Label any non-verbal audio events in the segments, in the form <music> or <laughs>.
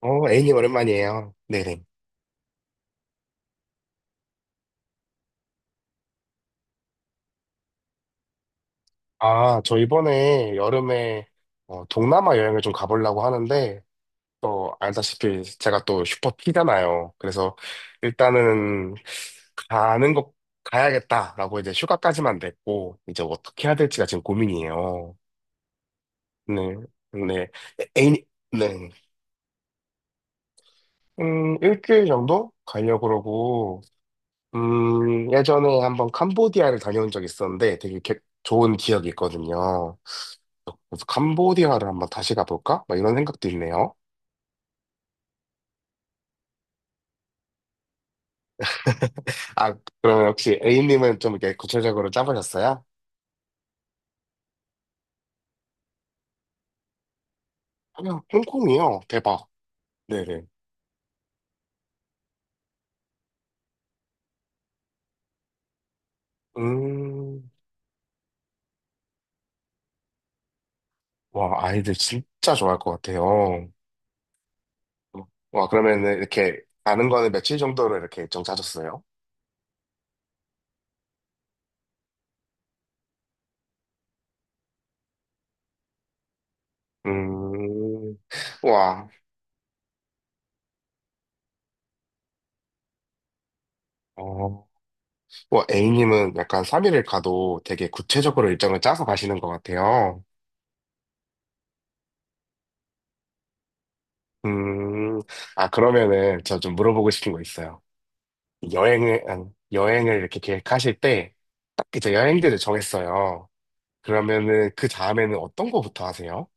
어, 애인님 오랜만이에요. 네네. 아, 저 이번에 여름에 어, 동남아 여행을 좀 가보려고 하는데, 또 알다시피 제가 또 슈퍼피잖아요. 그래서 일단은 가는 거 가야겠다라고 이제 휴가까지만 냈고, 이제 어떻게 해야 될지가 지금 고민이에요. 네, 네. 인님 네. 일주일 정도 가려고 그러고, 예전에 한번 캄보디아를 다녀온 적이 있었는데 되게 좋은 기억이 있거든요. 캄보디아를 한번 다시 가볼까? 막 이런 생각도 있네요. 아, 그러면 혹시 A님은 좀 이렇게 구체적으로 짜보셨어요? 그냥 홍콩이요. 대박. 네네. 음, 와, 아이들 진짜 좋아할 것 같아요. 와, 그러면 이렇게 가는 거는 며칠 정도로 이렇게 일정 짜셨어요? 음, 와, 어, 와, A님은 약간 3일을 가도 되게 구체적으로 일정을 짜서 가시는 것 같아요. 음, 아, 그러면은 저 좀 물어보고 싶은 거 있어요. 아니, 여행을 이렇게 계획하실 때, 딱 이제 여행지를 정했어요. 그러면은 그 다음에는 어떤 거부터 하세요?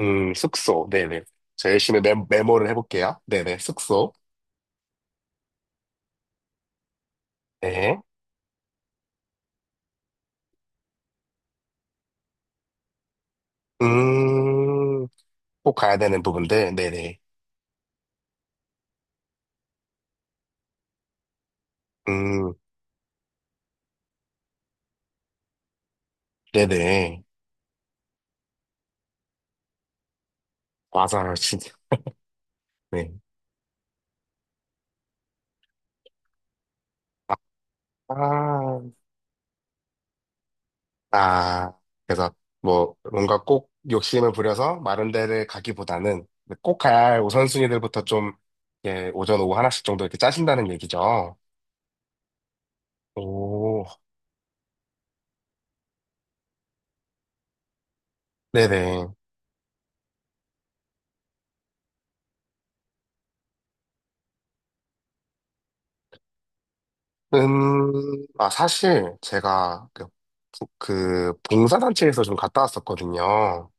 숙소. 네네. 저 열심히 메모를 해볼게요. 네네. 숙소. 네. 음, 꼭 가야 되는 부분들. 네네. 음, 네네. 맞아요. 진짜. 네. 아, 아, 그래서 뭐 뭔가 꼭 욕심을 부려서 마른 데를 가기보다는 꼭 가야 할 우선순위들부터 좀 예, 오전 오후 하나씩 정도 이렇게 짜신다는 얘기죠. 오, 네네. 아, 사실 제가 그, 그 봉사단체에서 좀 갔다 왔었거든요.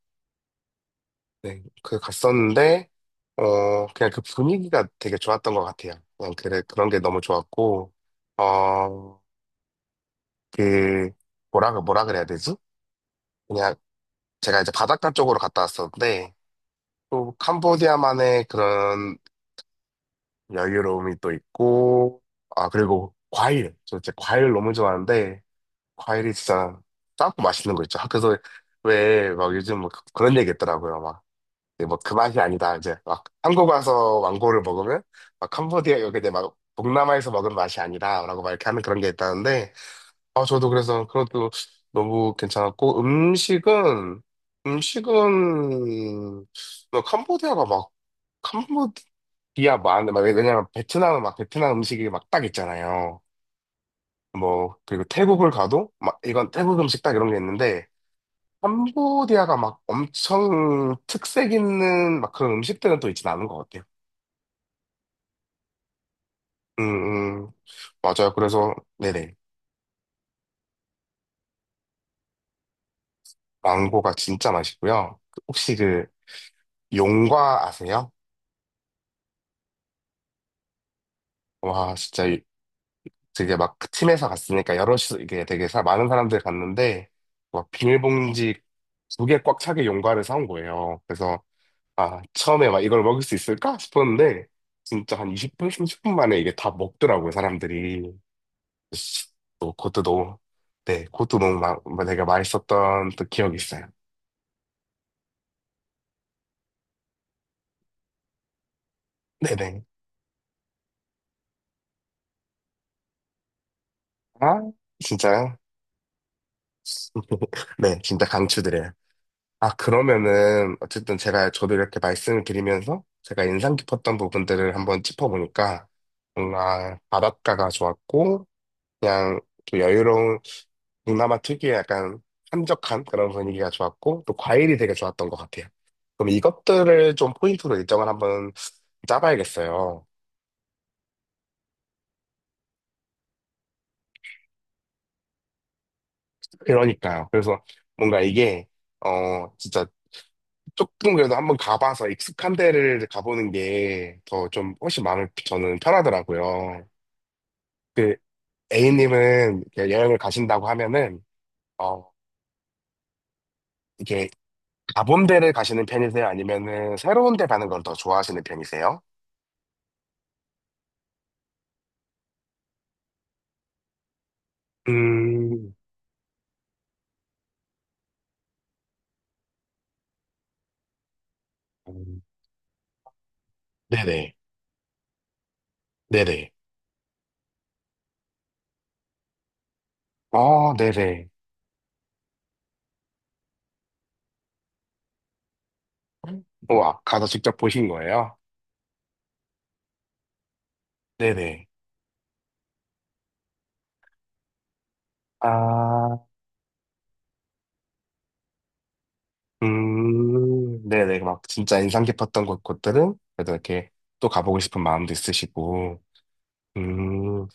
네, 그 갔었는데, 어, 그냥 그 분위기가 되게 좋았던 것 같아요. 그냥 그래, 그런 게 너무 좋았고, 어, 그, 뭐라 그래야 되지? 그냥 제가 이제 바닷가 쪽으로 갔다 왔었는데, 또 캄보디아만의 그런 여유로움이 또 있고, 아, 그리고 과일. 저 진짜 과일 너무 좋아하는데, 과일이 진짜 짜고 맛있는 거 있죠. 아, 그래서 왜 막 요즘 뭐 그런 얘기 있더라고요. 막, 뭐 그 맛이 아니다. 이제 막 한국 와서 왕고를 먹으면, 막 캄보디아, 여기 이제 막 동남아에서 먹은 맛이 아니다. 라고 막 이렇게 하는 그런 게 있다는데, 아, 저도 그래서 그것도 너무 괜찮았고, 음식은, 뭐 캄보디아가 막, 캄보디아만, 막, 왜냐면 베트남은 막 베트남 음식이 막 딱 있잖아요. 뭐, 그리고 태국을 가도, 막, 이건 태국 음식 딱 이런 게 있는데, 캄보디아가 막 엄청 특색 있는 막 그런 음식들은 또 있진 않은 것 같아요. 음, 음, 맞아요. 그래서, 네네. 망고가 진짜 맛있고요. 혹시 그, 용과 아세요? 와, 진짜 되게 막 팀에서 갔으니까 여럿이 이게 되게 많은 사람들이 갔는데 막 비닐봉지 두 개 꽉 차게 용과를 사온 거예요. 그래서 아 처음에 막 이걸 먹을 수 있을까 싶었는데 진짜 한 20분, 30분 만에 이게 다 먹더라고요 사람들이. 씨, 또 그것도 너무 네 그것도 너무 막 되게 맛있었던 또 기억이 있어요. 네네. 아 진짜요? <laughs> 네 진짜 강추드려요. 아, 그러면은, 어쨌든 저도 이렇게 말씀을 드리면서 제가 인상 깊었던 부분들을 한번 짚어보니까 뭔가 바닷가가 좋았고, 그냥 또 여유로운 동남아 특유의 약간 한적한 그런 분위기가 좋았고, 또 과일이 되게 좋았던 것 같아요. 그럼 이것들을 좀 포인트로 일정을 한번 짜봐야겠어요. 그러니까요. 그래서 뭔가 이게, 어, 진짜 조금 그래도 한번 가봐서 익숙한 데를 가보는 게 더 좀 훨씬 마음이 저는 편하더라고요. 그 A님은 이렇게 여행을 가신다고 하면은, 어, 이게 가본 데를 가시는 편이세요? 아니면은 새로운 데 가는 걸 더 좋아하시는 편이세요? 음, 음, 네네, 네네. 어, 네네. 우와, 가서 직접 보신 거예요? 네네. 아, 네네. 막 진짜 인상 깊었던 곳들은 그래도 이렇게 또 가보고 싶은 마음도 있으시고, 음,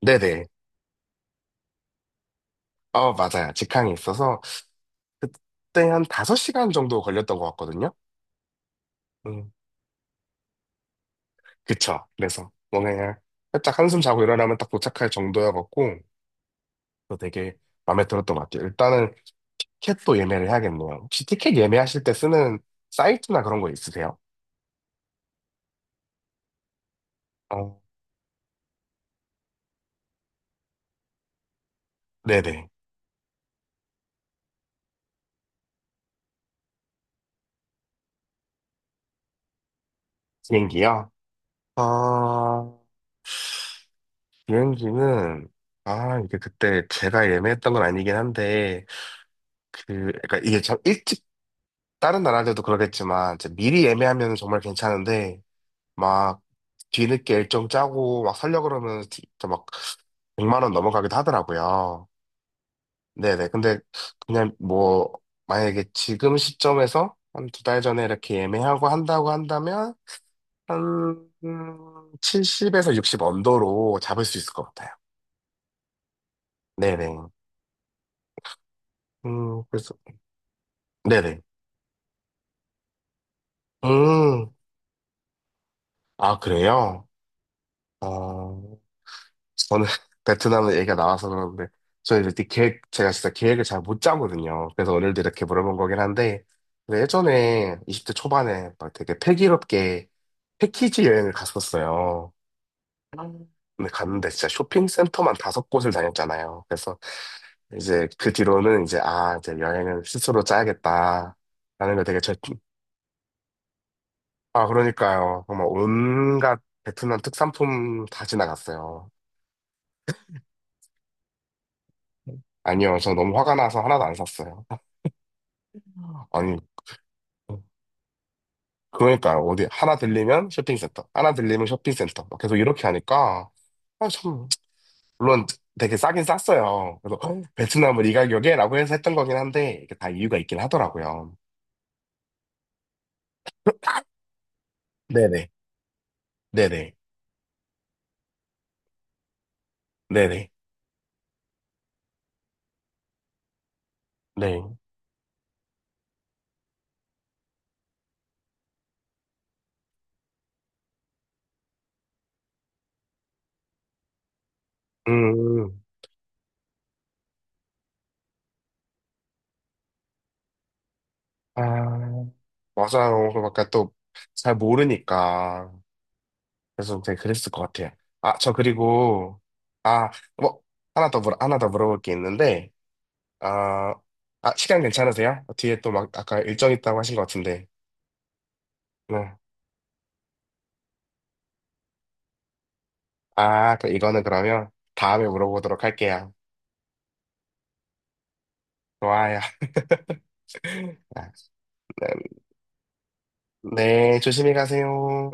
네네. 어, 맞아요. 직항이 있어서 그때 한 5시간 정도 걸렸던 것 같거든요. 음, 그쵸. 그래서 뭔가 그냥 살짝 한숨 자고 일어나면 딱 도착할 정도여갖고 또 되게 마음에 들었던 것 같아요. 일단은 티켓도 예매를 해야겠네요. 혹시 티켓 예매하실 때 쓰는 사이트나 그런 거 있으세요? 어, 네네. 비행기요? 아, 비행기는, 아, 이게 그때 제가 예매했던 건 아니긴 한데, 그, 그러니까 이게 참 일찍, 다른 나라들도 그러겠지만, 이제 미리 예매하면 정말 괜찮은데, 막 뒤늦게 일정 짜고 막 살려 고 그러면 진짜 막 100만 원 넘어가기도 하더라고요. 네네. 근데 그냥 뭐 만약에 지금 시점에서 한 두 달 전에 이렇게 예매하고 한다고 한다면 한 70에서 60 언더로 잡을 수 있을 것 같아요. 네네. 그래서 네네. 음, 아 그래요? 어, 저는 <laughs> 베트남은 얘기가 나와서 그러는데 저는 이제 계획 제가 진짜 계획을 잘 못 짜거든요. 그래서 오늘도 이렇게 물어본 거긴 한데 근데 예전에 20대 초반에 막 되게 패기롭게 패키지 여행을 갔었어요. 음. 근데 갔는데 진짜 쇼핑센터만 다섯 곳을 다녔잖아요. 그래서 이제 그 뒤로는 이제 아 이제 여행을 스스로 짜야겠다 라는 걸 되게 절... 아 그러니까요. 정말 온갖 베트남 특산품 다 지나갔어요. 아니요, 저 너무 화가 나서 하나도 안 샀어요. 아니, 그러니까요. 어디, 하나 들리면 쇼핑센터, 하나 들리면 쇼핑센터. 막 계속 이렇게 하니까, 아, 참, 물론 되게 싸긴 쌌어요. 그래서, 어, 베트남을 이 가격에? 라고 해서 했던 거긴 한데, 이게 다 이유가 있긴 하더라고요. 네네, 네네, 네네, 네. 음, 아, 맞아요. 그러니까 또잘 모르니까. 그래서 되게 그랬을 것 같아요. 아, 저 그리고, 아, 뭐, 하나 더 물어볼 게 있는데, 아, 아, 시간 괜찮으세요? 뒤에 또 막 아까 일정 있다고 하신 것 같은데. 네. 아, 그 이거는 그러면 다음에 물어보도록 할게요. 좋아요. <laughs> 아, 네, 네, 조심히 가세요.